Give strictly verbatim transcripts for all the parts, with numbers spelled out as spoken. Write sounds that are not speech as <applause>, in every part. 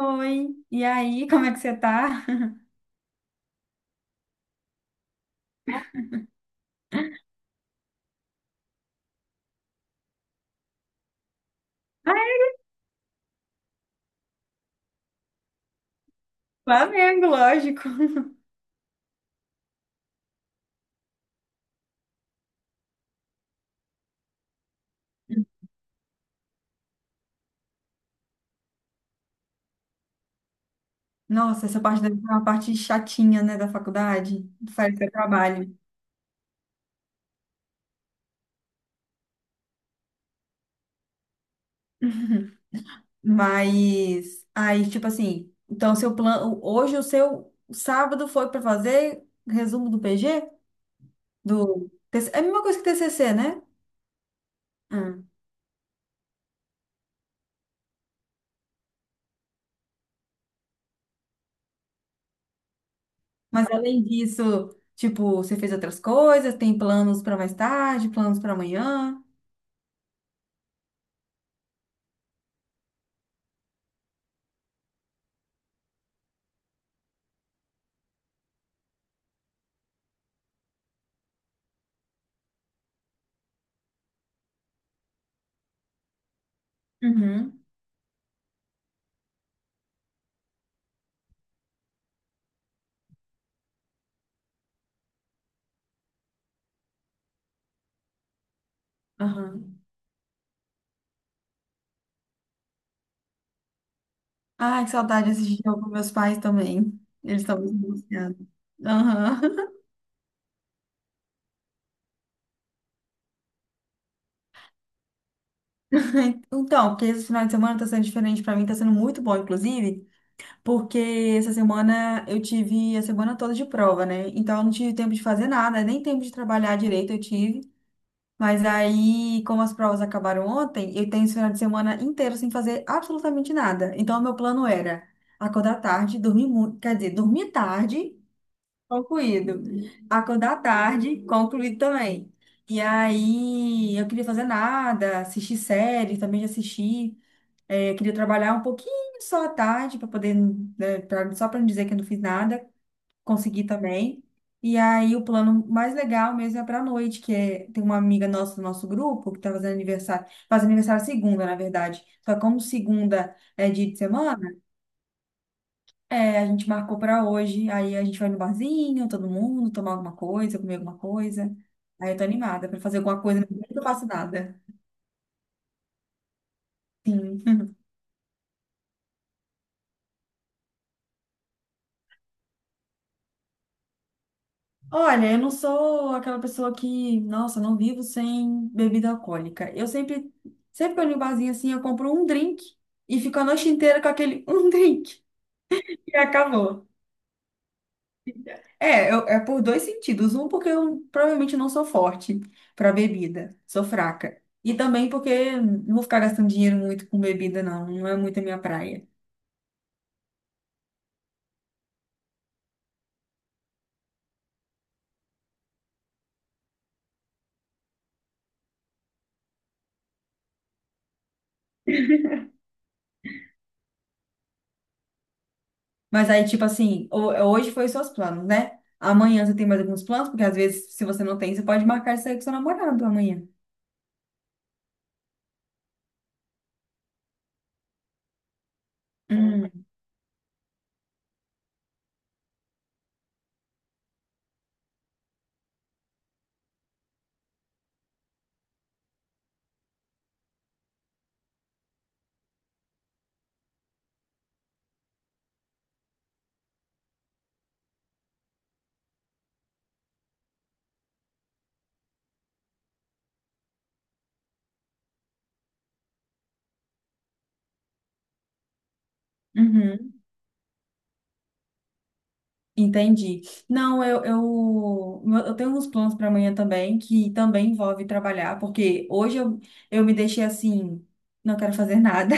Oi, e aí, como é que você tá? <laughs> Flamengo, lógico. Nossa, essa parte deve ser uma parte chatinha, né, da faculdade, sai do seu trabalho. <laughs> Mas, aí, tipo assim, então seu plano, hoje o seu sábado foi para fazer resumo do P G? Do, T C é a mesma coisa que T C C, né? Ah, mas além disso, tipo, você fez outras coisas, tem planos para mais tarde, planos para amanhã? Uhum. Aham. Ai, que saudade de assistir jogo com meus pais também. Eles estão muito angustiados. Aham. <laughs> Então, porque esse final de semana tá sendo diferente pra mim, tá sendo muito bom, inclusive, porque essa semana eu tive a semana toda de prova, né? Então eu não tive tempo de fazer nada, nem tempo de trabalhar direito eu tive. Mas aí, como as provas acabaram ontem, eu tenho esse final de semana inteiro sem fazer absolutamente nada. Então, o meu plano era acordar tarde, dormir muito, quer dizer, dormir tarde. Concluído. Acordar tarde, concluído também. E aí, eu queria fazer nada, assistir série, também já assisti. É, eu queria trabalhar um pouquinho só à tarde, para poder, né, pra- só para não dizer que eu não fiz nada, consegui também. E aí, o plano mais legal mesmo é para noite, que é, tem uma amiga nossa do nosso grupo que está fazendo aniversário, faz aniversário segunda, na verdade. Só que como segunda é dia de semana, é, a gente marcou pra hoje. Aí a gente vai no barzinho, todo mundo, tomar alguma coisa, comer alguma coisa. Aí eu tô animada pra fazer alguma coisa, mas eu não faço nada. Sim. <laughs> Olha, eu não sou aquela pessoa que, nossa, não vivo sem bebida alcoólica. Eu sempre, sempre que eu vou no barzinho assim, eu compro um drink e fico a noite inteira com aquele <laughs> um drink. E acabou. É, eu- é por dois sentidos. Um, porque eu provavelmente não sou forte para bebida, sou fraca. E também porque não vou ficar gastando dinheiro muito com bebida, não. Não é muito a minha praia. Mas aí, tipo assim, ho- hoje foi os seus planos, né? Amanhã você tem mais alguns planos, porque às vezes, se você não tem, você pode marcar isso aí com seu namorado amanhã. Hum, uhum, entendi. Não, eu, eu, eu tenho uns planos para amanhã também, que também envolve trabalhar, porque hoje eu, eu me deixei assim, não quero fazer <laughs> nada.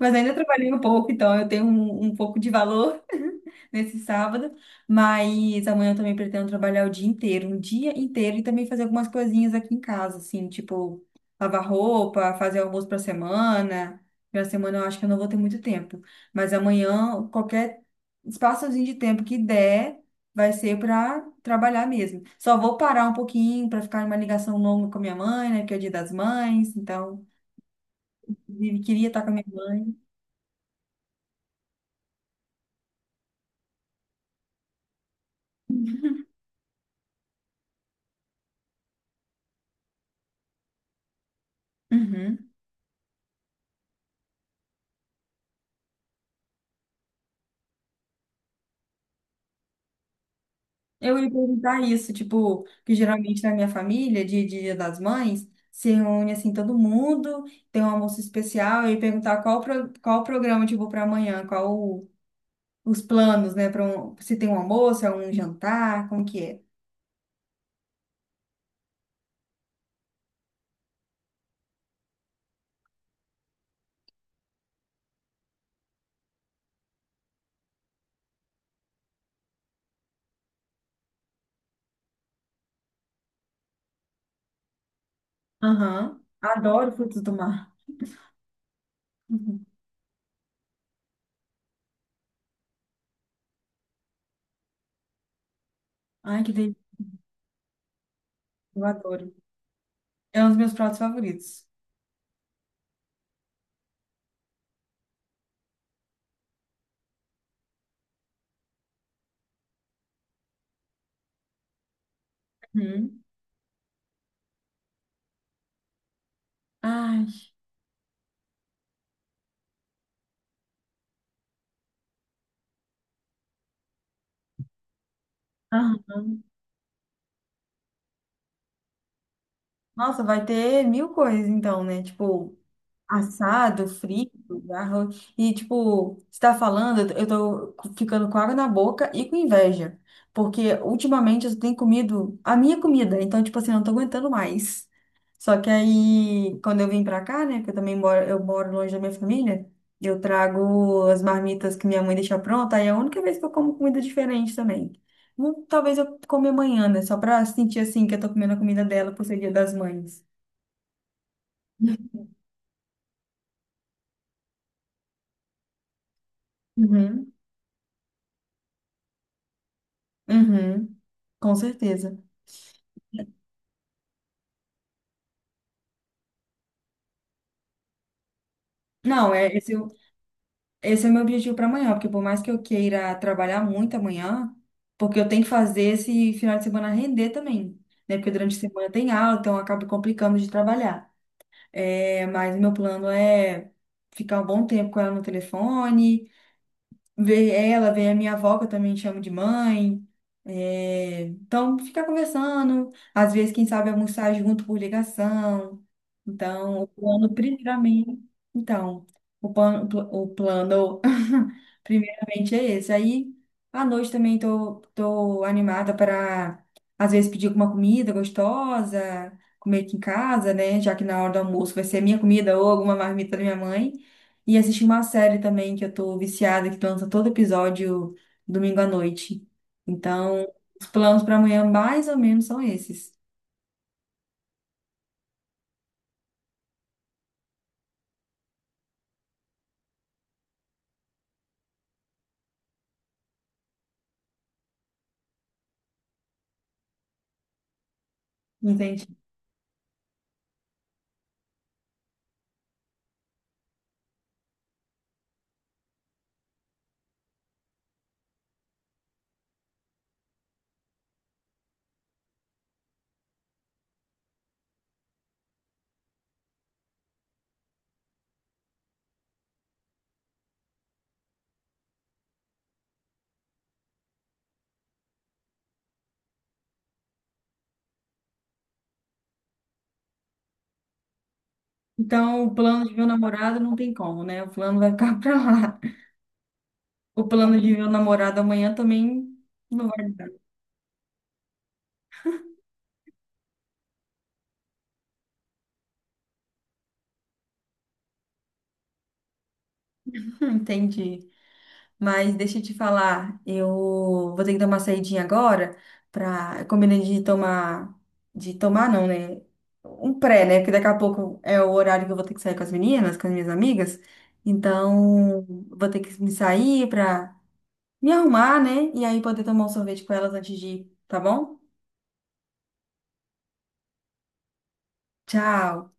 Mas ainda trabalhei um pouco, então eu tenho um, um pouco de valor <laughs> nesse sábado. Mas amanhã eu também pretendo trabalhar o dia inteiro, um dia inteiro, e também fazer algumas coisinhas aqui em casa, assim, tipo lavar roupa, fazer almoço para semana. Para semana eu acho que eu não vou ter muito tempo. Mas amanhã, qualquer espaçozinho de tempo que der, vai ser para trabalhar mesmo. Só vou parar um pouquinho para ficar em uma ligação longa com a minha mãe, né? Porque é o dia das mães, então, inclusive, queria estar com a minha mãe. Uhum. Eu ia perguntar isso, tipo, que geralmente na minha família, dia de Dia das Mães, se reúne assim todo mundo, tem um almoço especial, eu ia perguntar qual, pro, qual o programa, tipo, para amanhã, qual o- os planos, né, para um, se tem um almoço, é um jantar, como que é? Aham. Adoro frutos do mar. Uhum. Ai, que delícia, eu adoro. É um dos meus pratos favoritos. Uhum. Ai. Aham. Nossa, vai ter mil coisas então, né? Tipo, assado, frito, arroz. E, tipo, você tá falando, eu tô ficando com água na boca e com inveja. Porque ultimamente eu tenho comido a minha comida. Então, tipo assim, eu não tô aguentando mais. Só que aí, quando eu vim pra cá, né? Que eu também moro, eu moro longe da minha família. Eu trago as marmitas que minha mãe deixa pronta. Aí é a única vez que eu como comida diferente também. Hum, Talvez eu come amanhã, né? Só pra sentir, assim, que eu tô comendo a comida dela por ser dia das mães. Uhum. Uhum. Com certeza. Não, é, esse, é o- esse é o meu objetivo para amanhã, porque por mais que eu queira trabalhar muito amanhã, porque eu tenho que fazer esse final de semana render também, né? Porque durante a semana tem aula, então acaba complicando de trabalhar. É, mas o meu plano é ficar um bom tempo com ela no telefone, ver ela, ver a minha avó, que eu também chamo de mãe. É, então, ficar conversando, às vezes, quem sabe, almoçar junto por ligação. Então, o plano, primeiramente. Então, o plano, o plano, <laughs> primeiramente, é esse. Aí, à noite também tô, tô animada para, às vezes, pedir alguma comida gostosa, comer aqui em casa, né? Já que na hora do almoço vai ser minha comida ou alguma marmita da minha mãe. E assisti uma série também que eu tô viciada, que lança todo episódio domingo à noite. Então, os planos para amanhã mais ou menos são esses, entende? Então, o plano de ver o namorado não tem como, né? O plano vai ficar <laughs> para lá. O plano de ver o namorado amanhã também não vai dar. <laughs> Entendi. Mas deixa eu te falar, eu vou ter que dar uma saidinha agora para combinei de tomar, de tomar não, né? Um pré, né? Porque daqui a pouco é o horário que eu vou ter que sair com as meninas, com as minhas amigas. Então, vou ter que me sair para me arrumar, né? E aí poder tomar um sorvete com elas antes de ir, tá bom? Tchau.